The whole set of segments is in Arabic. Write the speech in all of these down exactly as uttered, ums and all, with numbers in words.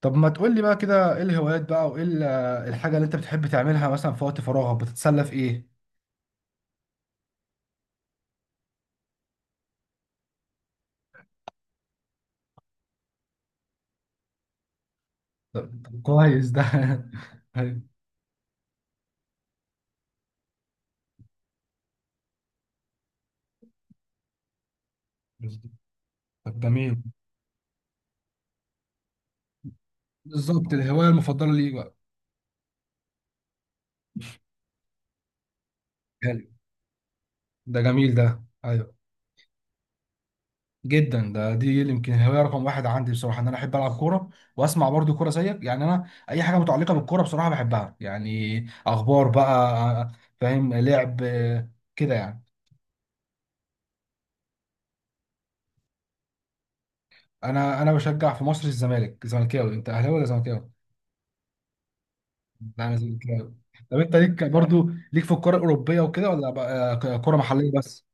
طب ما تقول لي بقى كده ايه الهوايات بقى وايه ال- الحاجة اللي انت بتحب تعملها مثلا في وقت فراغك بتتسلى في ايه؟ طب طب كويس ده. أيوة. طب جميل. بالظبط الهواية المفضلة ليك بقى. حلو. ده جميل، ده ايوه. جدا، ده دي يمكن الهواية رقم واحد عندي بصراحة، ان انا احب العب كورة واسمع برضو كورة زيك. يعني انا اي حاجة متعلقة بالكورة بصراحة بحبها يعني. اخبار بقى، فاهم، لعب آه، كده يعني. انا انا بشجع في مصر الزمالك، زملكاوي. انت اهلاوي ولا زملكاوي؟ لا، لازم كده. طب انت ليك برضو ليك في الكرة الأوروبية وكده، ولا بقى كرة محلية بس؟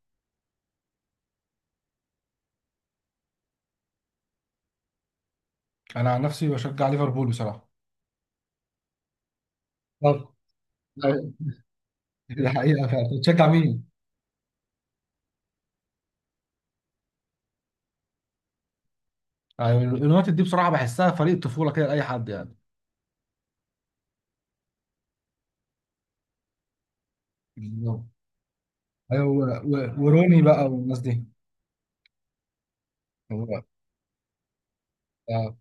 أنا عن نفسي بشجع ليفربول بصراحة. طب، أيوة، دي حقيقة فعلا. بتشجع مين؟ يعني اليونايتد دي بصراحة بحسها فريق طفولة كده لأي حد يعني. بالظبط. أيوه و- و- وروني بقى والناس دي. هو- آه،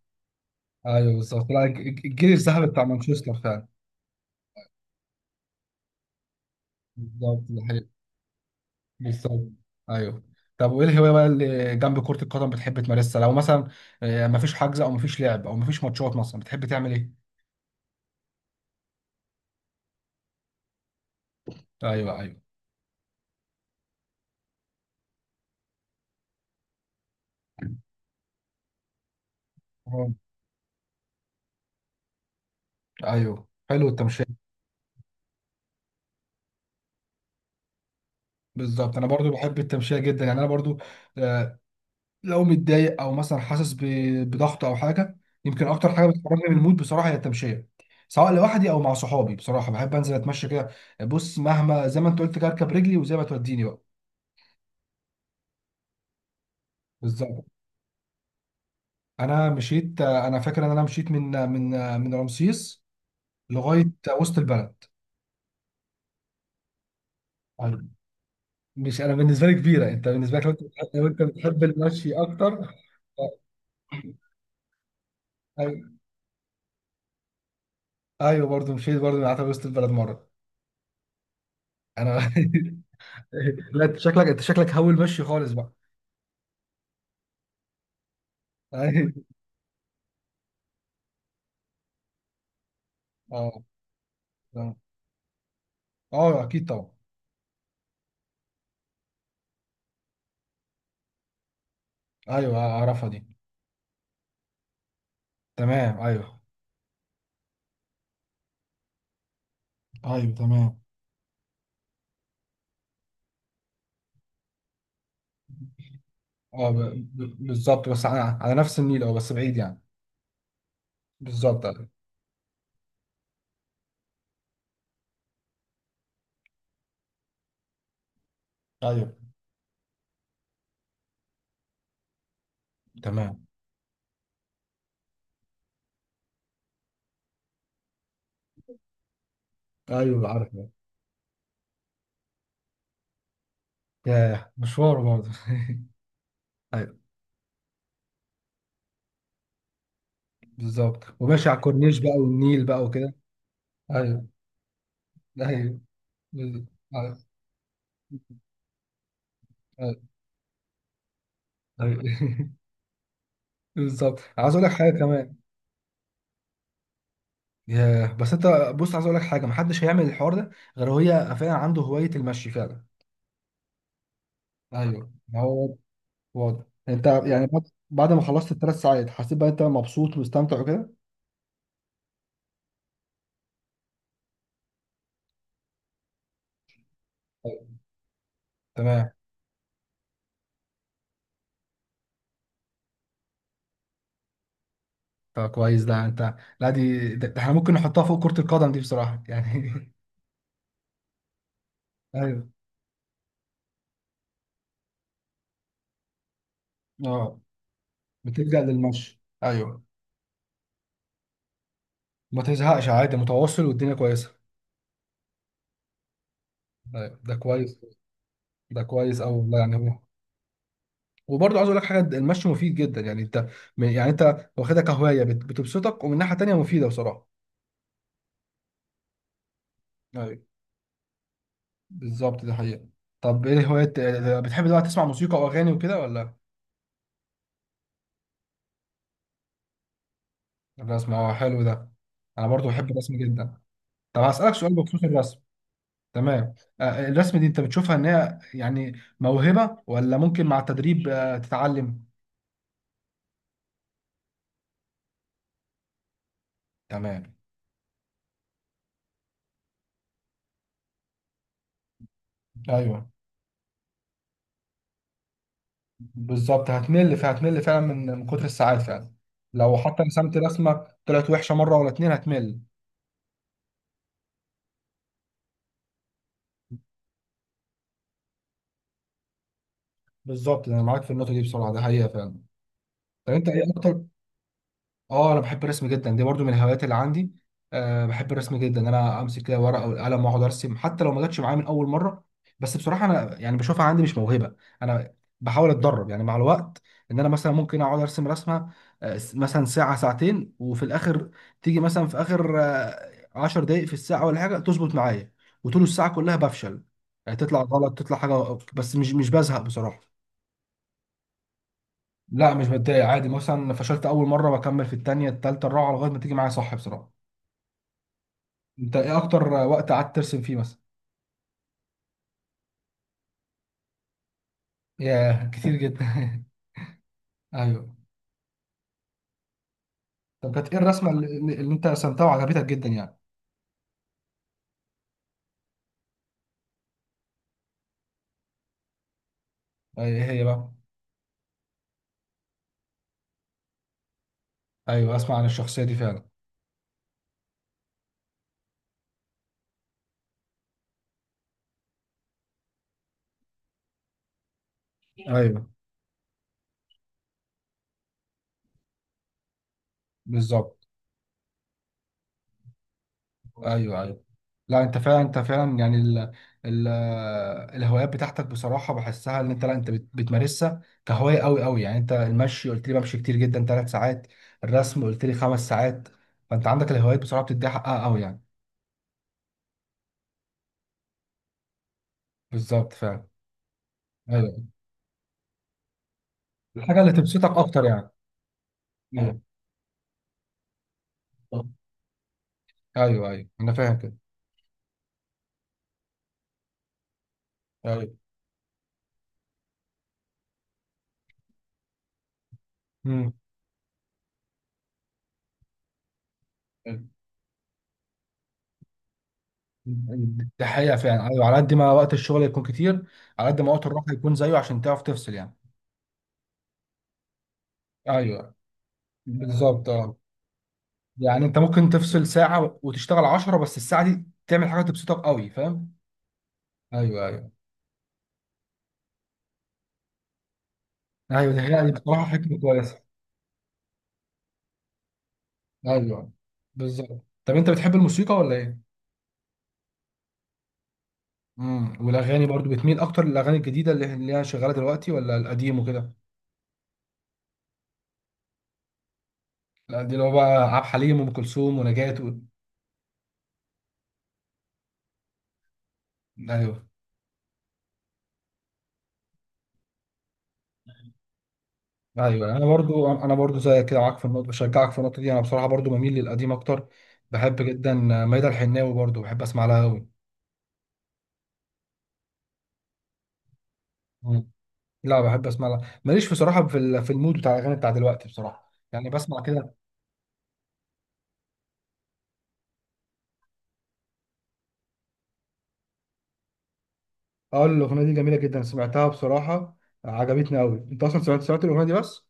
أيوه بالظبط. لا الج- الج- الجيل الذهبي بتاع مانشستر فعلا. بالظبط دي حقيقة. بالظبط ايوه. طب وايه الهوايه بقى اللي جنب كره القدم بتحب تمارسها؟ لو مثلا آه، مفيش حجز او مفيش لعب او مفيش ماتشات، مثلا بتحب تعمل ايه؟ ايوه ايوه. آه، ايوه حلو التمشيه. بالظبط، انا برضو بحب التمشيه جدا يعني، انا برضو. آه، لو متضايق او مثلا حاسس ب- بضغط او حاجه، يمكن اكتر حاجه بتخرجني من المود بصراحه هي التمشيه، سواء لوحدي او مع صحابي. بصراحه بحب انزل اتمشى كده. بص، مهما زي ما انت قلت كده اركب رجلي وزي ما توديني بقى. بالظبط. انا مشيت، انا فاكر ان انا مشيت من من من رمسيس لغايه وسط البلد. أيوة. مش انا بالنسبه لي كبيره، انت بالنسبه لك لو انت بتحب لو أنت بتحب المشي اكتر. ايوه. أيوة، برضو مشيت، برضو قعدت وسط البلد مره. انا. لا انت شكلك انت شكلك هول مشي خالص بقى. أيوة. اه، اه، آه، اكيد طبعا. ايوه اعرفها دي. تمام ايوه. ايوه تمام. اه، ب... ب... بالظبط بس على... على نفس النيل، اه بس بعيد يعني. بالظبط ايوه. أيوة. تمام. ايوه عارف. ياه مشوار برضه. ايوه. بالظبط، وماشي على الكورنيش بقى والنيل بقى وكده. ايوه ايوه بز- ايوه ايوه. أيوة. بالظبط عايز اقول لك حاجه كمان. ياه، بس انت، بص عايز اقول لك حاجه، محدش هيعمل الحوار ده غير هي فعلا عنده هوايه المشي فعلا. ايوه، ما هو واضح. انت يعني بعد بعد ما خلصت الثلاث ساعات حسيت بقى انت مبسوط ومستمتع وكده؟ أيوة. تمام. طب كويس ده، انت لا دي ده ده احنا ممكن نحطها فوق كرة القدم دي بصراحة يعني. ايوه. اه، بتلجأ للمشي، ايوه. ما تزهقش عادي، متواصل والدنيا كويسه. ايوه، ده كويس، ده كويس قوي والله يعني. هو وبرضه عايز اقول لك حاجه، المشي مفيد جدا يعني. انت يعني، انت واخدها كهوايه، بت- بتبسطك ومن ناحيه تانيه مفيده بصراحه. ايوه بالظبط، ده حقيقه. طب ايه هوايات بتحب دلوقتي؟ تسمع موسيقى واغاني وكده ولا؟ ولا اسمع؟ آه، حلو ده. انا برضه بحب الرسم جدا. طب هسألك سؤال بخصوص الرسم. تمام. آه، الرسم دي انت بتشوفها ان هي يعني موهبه، ولا ممكن مع التدريب آه، تتعلم؟ تمام ايوه. بالظبط، هتمل، فهتمل فعلا من من كتر الساعات فعلا. لو حتى رسمت رسمه طلعت وحشه مره ولا اتنين هتمل. بالظبط. انا معاك في النقطه دي بصراحه، ده حقيقه فعلا. طب انت ايه اكتر؟ اه، انا بحب الرسم جدا، دي برضو من الهوايات اللي عندي. أه، بحب الرسم جدا، ان انا امسك كده ورقه والقلم واقعد ارسم حتى لو ما جاتش معايا من اول مره. بس بصراحه انا يعني بشوفها عندي مش موهبه. انا بحاول اتدرب يعني مع الوقت ان انا مثلا ممكن اقعد ارسم رسمه آه، س- مثلا ساعه ساعتين وفي الاخر تيجي مثلا في اخر آه، عشر دقائق في الساعه ولا حاجه تظبط معايا، وطول الساعه كلها بفشل. يعني تطلع غلط، تطلع حاجه، بس مش مش بزهق بصراحه. لا مش بتضايق عادي، مثلا فشلت اول مره بكمل في التانية التالتة الرابعه لغايه ما تيجي معايا صح بصراحه. انت ايه اكتر وقت قعدت ترسم فيه مثلا؟ ياه كتير جدا. ايوه. طب كانت ايه الرسمه اللي, اللي انت رسمتها وعجبتك جدا يعني؟ ايه هي بقى؟ ايوه، اسمع عن الشخصيه دي فعلا. ايوه بالظبط. ايوه ايوه. لا انت فعلا انت فعلا يعني ال ال الهوايات بتاعتك بصراحه بحسها ان انت، لا انت بت- بتمارسها كهوايه قوي قوي يعني. انت المشي قلت لي بمشي كتير جدا ثلاث ساعات، الرسم قلت لي خمس ساعات. فانت عندك الهوايات بصراحه بتديها حقها قوي يعني. بالظبط فعلا. ايوه، الحاجه اللي تبسطك اكتر يعني. ايوه ايوه ايوه، انا فاهم كده. ايوه. امم. ده حقيقه فعلا، ايوه، على قد ما وقت الشغل يكون كتير، على قد ما وقت الراحه يكون زيه عشان تعرف تفصل يعني. ايوه بالظبط، آه. يعني انت ممكن تفصل ساعة وتشتغل عشرة، بس الساعة دي تعمل حاجة تبسطك قوي. فاهم؟ ايوه ايوه. ايوه دي حقيقة، دي بصراحة حكمة كويسة. ايوه بالظبط. طب انت بتحب الموسيقى ولا ايه؟ امم والاغاني برضو، بتميل اكتر للاغاني الجديدة اللي اللي هي شغالة دلوقتي، ولا القديم وكده؟ القديم اللي هو بقى عبد الحليم وام كلثوم ونجاة و... ايوه ايوه. انا برضو انا برضو زيك كده، معاك في النقطة، بشجعك في النقطة دي. انا بصراحة برضو بميل للقديم اكتر. بحب جدا ميادة الحناوي، برضو بحب اسمع لها قوي. لا بحب اسمع لها. ماليش بصراحه في ال- في المود بتاع الاغاني بتاع دلوقتي بصراحه، يعني بسمع كده. اه، الاغنيه دي جميله جدا، سمعتها بصراحه. آه، عجبتني قوي. انت اصلا سمعت سمعت الاغنيه دي بس؟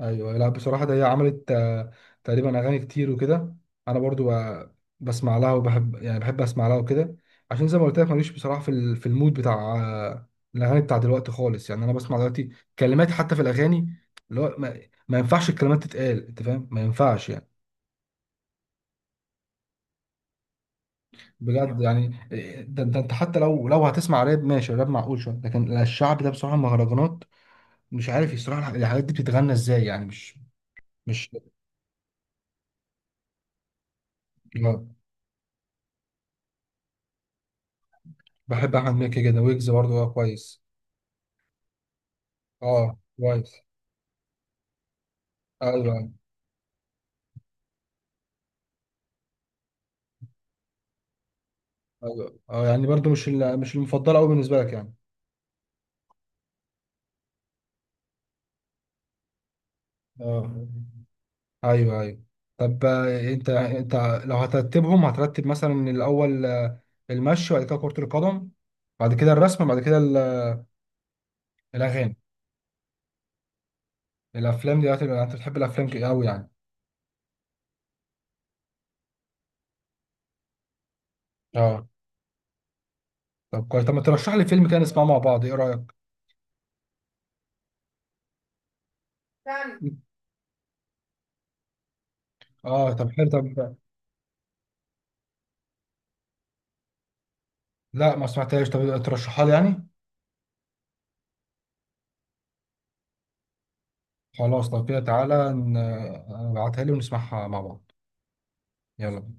ايوه. لا بصراحه ده هي عملت آه، تقريبا اغاني كتير وكده. انا برضو ب- بسمع لها وبحب، يعني بحب اسمع لها وكده، عشان زي ما قلت لك ماليش بصراحه في ال- في المود بتاع آه، الاغاني بتاع دلوقتي خالص يعني. انا بسمع دلوقتي كلمات حتى في الاغاني اللي هو ما, ما ينفعش الكلمات تتقال. انت فاهم؟ ما ينفعش يعني، بجد يعني. ده ده انت حتى لو لو هتسمع راب، ماشي راب معقول شويه، لكن الشعب ده بصراحه مهرجانات مش عارف يصراحه الح- الحاجات دي بتتغنى ازاي يعني. مش. مش. اه. بحب احمد مكي جدا، ويجز برضه، اه كويس. اه كويس. ايوه ايوه. اه، يعني برضه مش ال- مش المفضله قوي بالنسبه لك يعني. اه، ايوه ايوه. طب آه، انت انت لو هترتبهم هترتب مثلا الاول، آه، المشي، بعد كده كرة القدم، بعد كده الرسم، بعد كده ال- الاغاني. الافلام دي يعني انت بتحب الافلام ك- قوي يعني؟ اه. طب كويس، طب ما ترشح لي فيلم كده نسمعه مع بعض، ايه رايك؟ اه، طب حلو. طب لا، ما سمعتهاش. طب ترشحها لي يعني. خلاص لو كده تعالى ن- ابعتها لي ونسمعها مع بعض. يلا بينا.